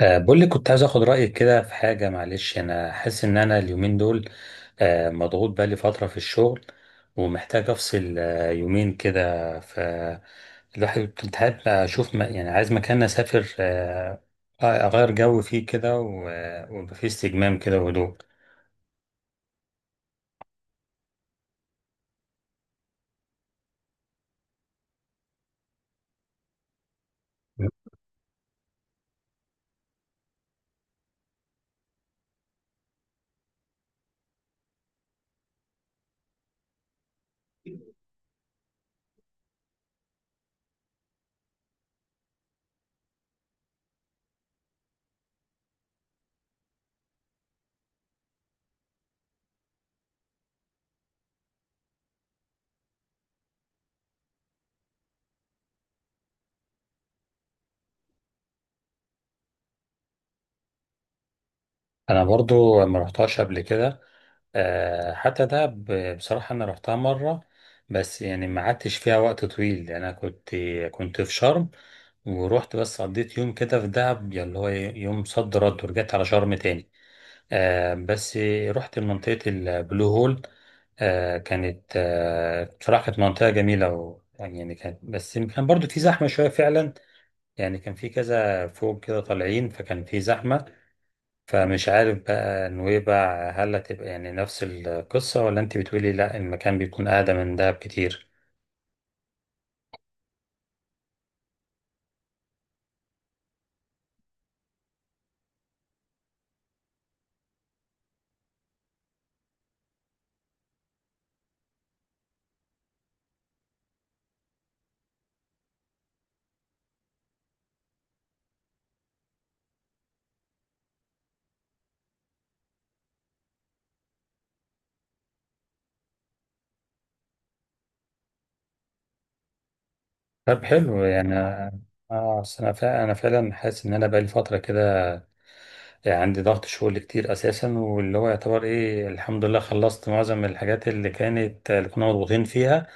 بقول لك كنت عايز اخد رايك كده في حاجه. معلش، انا حاسس ان انا اليومين دول مضغوط. بقالي فتره في الشغل، ومحتاج افصل يومين كده. الواحد كنت حابب اشوف، يعني عايز مكان اسافر، اغير جو فيه كده، ويبقى فيه استجمام كده وهدوء. انا برضو ما رحتهاش قبل كده. حتى ده، بصراحه انا رحتها مره، بس يعني ما قعدتش فيها وقت طويل. يعني انا كنت في شرم، ورحت بس قضيت يوم كده في دهب، يعني اللي هو إيه، يوم صد رد، ورجعت على شرم تاني. بس رحت منطقة البلو هول. كانت، بصراحة، كانت منطقة جميلة، و يعني كانت، بس كان برضو في زحمة شوية فعلا. يعني كان في كذا فوق كده طالعين، فكان في زحمة. فمش عارف بقى نويبع هل هتبقى يعني نفس القصة، ولا انت بتقولي لا، المكان بيكون أقدم من دهب كتير؟ طب حلو. يعني اه أصل انا فعلا، حاسس ان انا بقالي فترة كده عندي ضغط شغل كتير اساسا، واللي هو يعتبر ايه، الحمد لله، خلصت معظم الحاجات اللي كانت، اللي كنا مضغوطين فيها.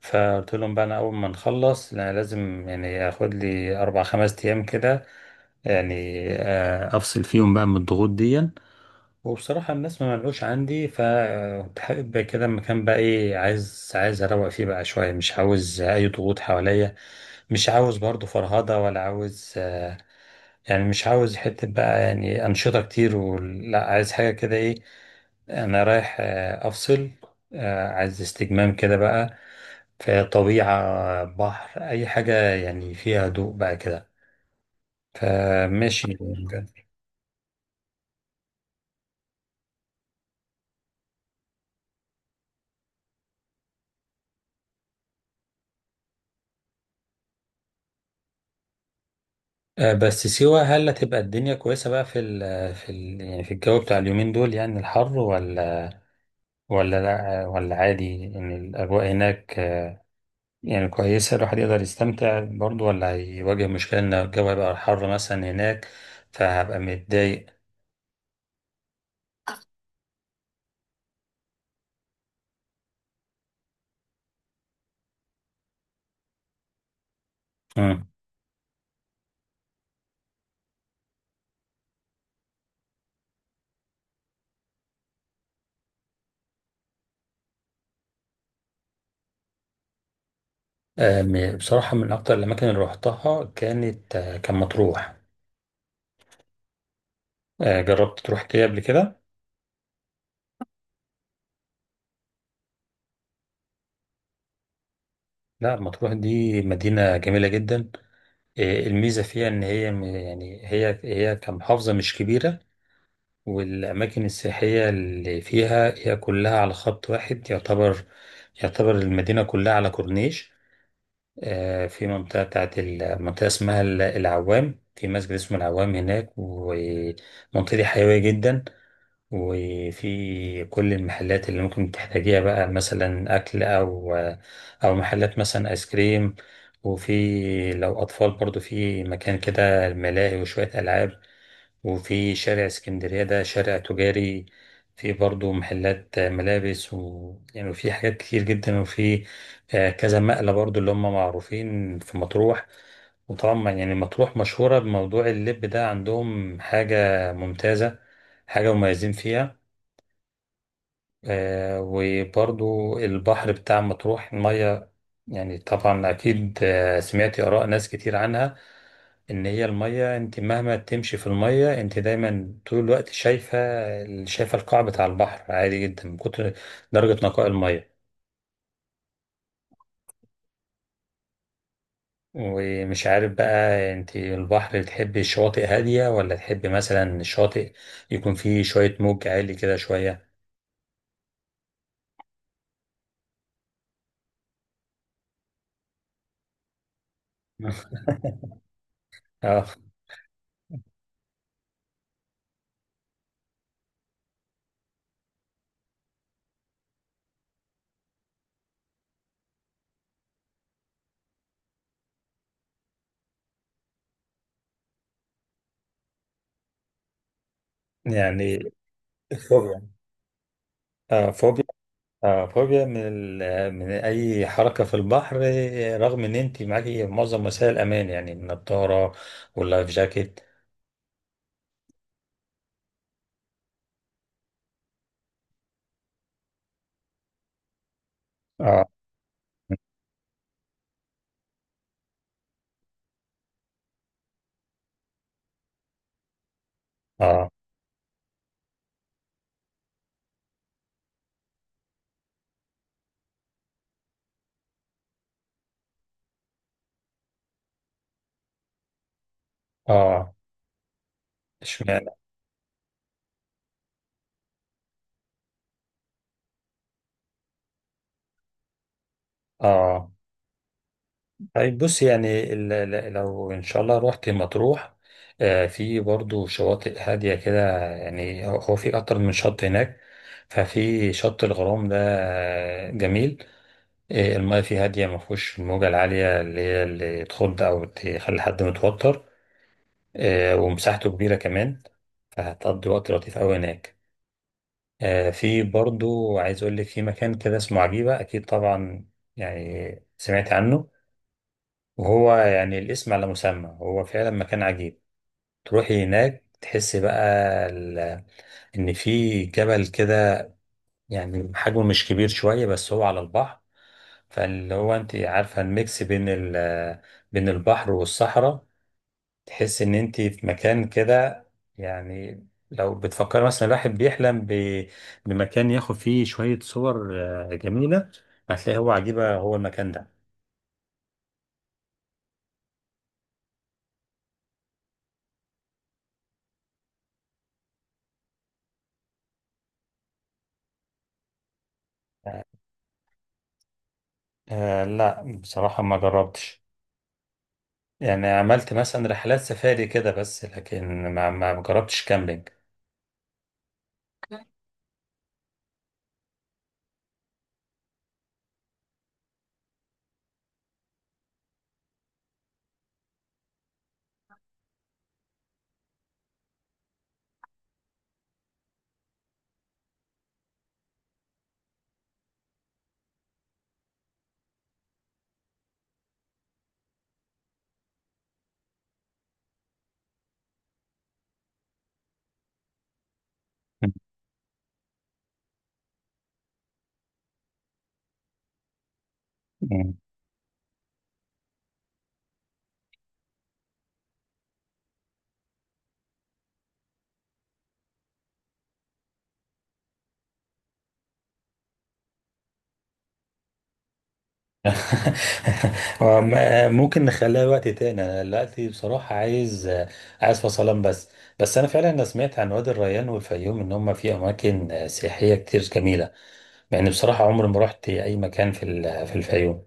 فقلت لهم بقى انا اول ما نخلص، لا، لازم يعني اخد لي 4 5 ايام كده، يعني افصل فيهم بقى من الضغوط دي. وبصراحة الناس ما منعوش عندي، فكنت حابب كده مكان بقى، ايه، عايز اروق فيه بقى شوية. مش عاوز اي ضغوط حواليا، مش عاوز برضو فرهضة، ولا عاوز، يعني مش عاوز حتة بقى يعني أنشطة كتير، ولا عايز حاجة كده. إيه، أنا رايح، أفصل، عايز استجمام كده بقى، في طبيعة، بحر، أي حاجة يعني فيها هدوء بقى كده. فماشي. بس سيوة هل هتبقى الدنيا كويسة بقى في ال في ال يعني في الجو بتاع اليومين دول، يعني الحر، ولا ولا لا ولا عادي إن الأجواء هناك يعني كويسة، الواحد يقدر يستمتع برضه، ولا هيواجه مشكلة إن الجو هيبقى حر مثلا هناك فهبقى متضايق؟ مم. بصراحة من أكتر الأماكن اللي روحتها كانت، كان مطروح. جربت تروح كده قبل كده؟ لا، مطروح دي مدينة جميلة جدا. الميزة فيها إن هي، يعني هي كمحافظة مش كبيرة، والأماكن السياحية اللي فيها هي كلها على خط واحد. يعتبر المدينة كلها على كورنيش. في منطقة، بتاعت المنطقة اسمها العوام، في مسجد اسمه العوام هناك، والمنطقة دي حيوية جدا، وفي كل المحلات اللي ممكن تحتاجيها بقى، مثلا أكل، أو محلات مثلا آيس كريم. وفي لو أطفال برضو في مكان كده ملاهي وشوية ألعاب. وفي شارع اسكندرية، ده شارع تجاري، في برضو محلات ملابس، و يعني في حاجات كتير جدا، وفي، كذا مقلة برضو اللي هم معروفين في مطروح. وطبعا يعني مطروح مشهورة بموضوع اللب ده، عندهم حاجة ممتازة، حاجة مميزين فيها. وبرضو البحر بتاع مطروح، المية، يعني طبعا أكيد سمعتي آراء ناس كتير عنها، إن هي المية، أنت مهما تمشي في المية، أنت دايما طول الوقت شايفة القاع بتاع البحر عادي جدا، من كتر درجة نقاء المية. ومش عارف بقى أنت البحر تحبي الشواطئ هادية، ولا تحبي مثلا الشاطئ يكون فيه شوية موج عالي كده شوية؟ اه. يعني فوبيا. اه فوبيا. فوبيا من من اي حركه في البحر، رغم ان انت معاكي معظم وسائل الامان، يعني النضاره واللايف جاكيت. اه. اه. اه. اشمعنى؟ اه. طيب بص، يعني، لو ان شاء الله رحت مطروح، في برضو شواطئ هاديه كده. يعني هو في اكتر من شط هناك. ففي شط الغرام ده جميل. المياه فيه هاديه، ما فيهوش الموجه العاليه اللي هي اللي تخض او تخلي حد متوتر. ومساحته كبيرة كمان، فهتقضي وقت لطيف أوي هناك. في برضو، عايز أقول لك، في مكان كده اسمه عجيبة. أكيد طبعا يعني سمعت عنه، وهو يعني الاسم على مسمى، هو فعلا مكان عجيب. تروحي هناك تحسي بقى ال- إن في جبل كده، يعني حجمه مش كبير شوية بس هو على البحر، فاللي هو أنت عارفة الميكس بين بين البحر والصحراء. تحس ان انت في مكان كده، يعني لو بتفكر مثلا، الواحد بيحلم بمكان ياخد فيه شوية صور جميلة، هتلاقي هو عجيبة، هو المكان ده. لا، بصراحة ما جربتش. يعني عملت مثلا رحلات سفاري كده، بس لكن ما جربتش كامبينج. وم- ممكن نخليها وقت تاني. انا دلوقتي بصراحة عايز فصلان بس. بس انا فعلا، سمعت عن وادي الريان والفيوم ان هم في اماكن سياحية كتير جميلة، مع اني بصراحة عمري ما رحت اي مكان في في الفيوم.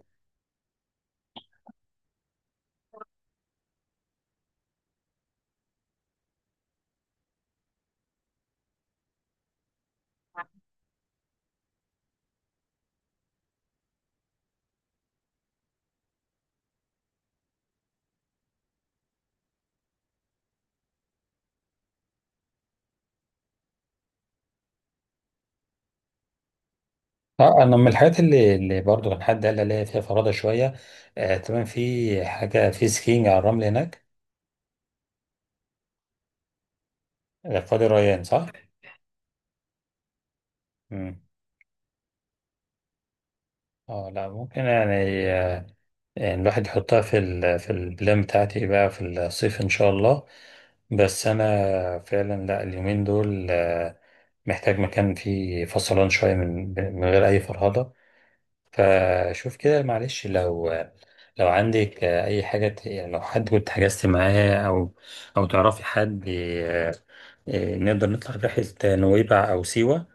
اه، انا من الحاجات اللي برضه كان حد قال لي عليها فيها فرادة شوية. تمام، في حاجة في سكينج على الرمل هناك. في وادي الريان، صح؟ مم. اه، لا ممكن، يعني آه، يعني الواحد يحطها في ال في البلان بتاعتي بقى في الصيف إن شاء الله. بس أنا فعلا، لا، اليومين دول محتاج مكان فيه فصلان شوية من غير أي فرهضة. فشوف كده معلش، لو عندك أي حاجة، يعني لو حد كنت حجزت معاه، أو تعرفي حد، نقدر نطلع رحلة نويبع أو سيوة.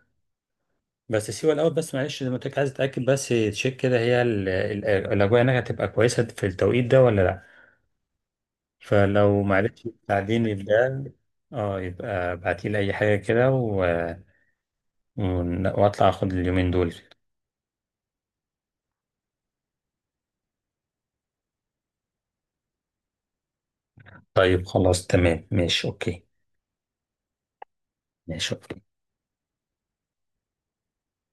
بس سيوة الأول، بس معلش زي ما قلت لك، عايز أتأكد بس، تشيك كده هي الأجواء هناك هتبقى كويسة في التوقيت ده ولا؟ فلو معرفتش تساعديني في ده. اه، يبقى ابعتيلي اي حاجة كده و... واطلع اخد اليومين دول. طيب خلاص، تمام، ماشي، اوكي. ماشي، اوكي.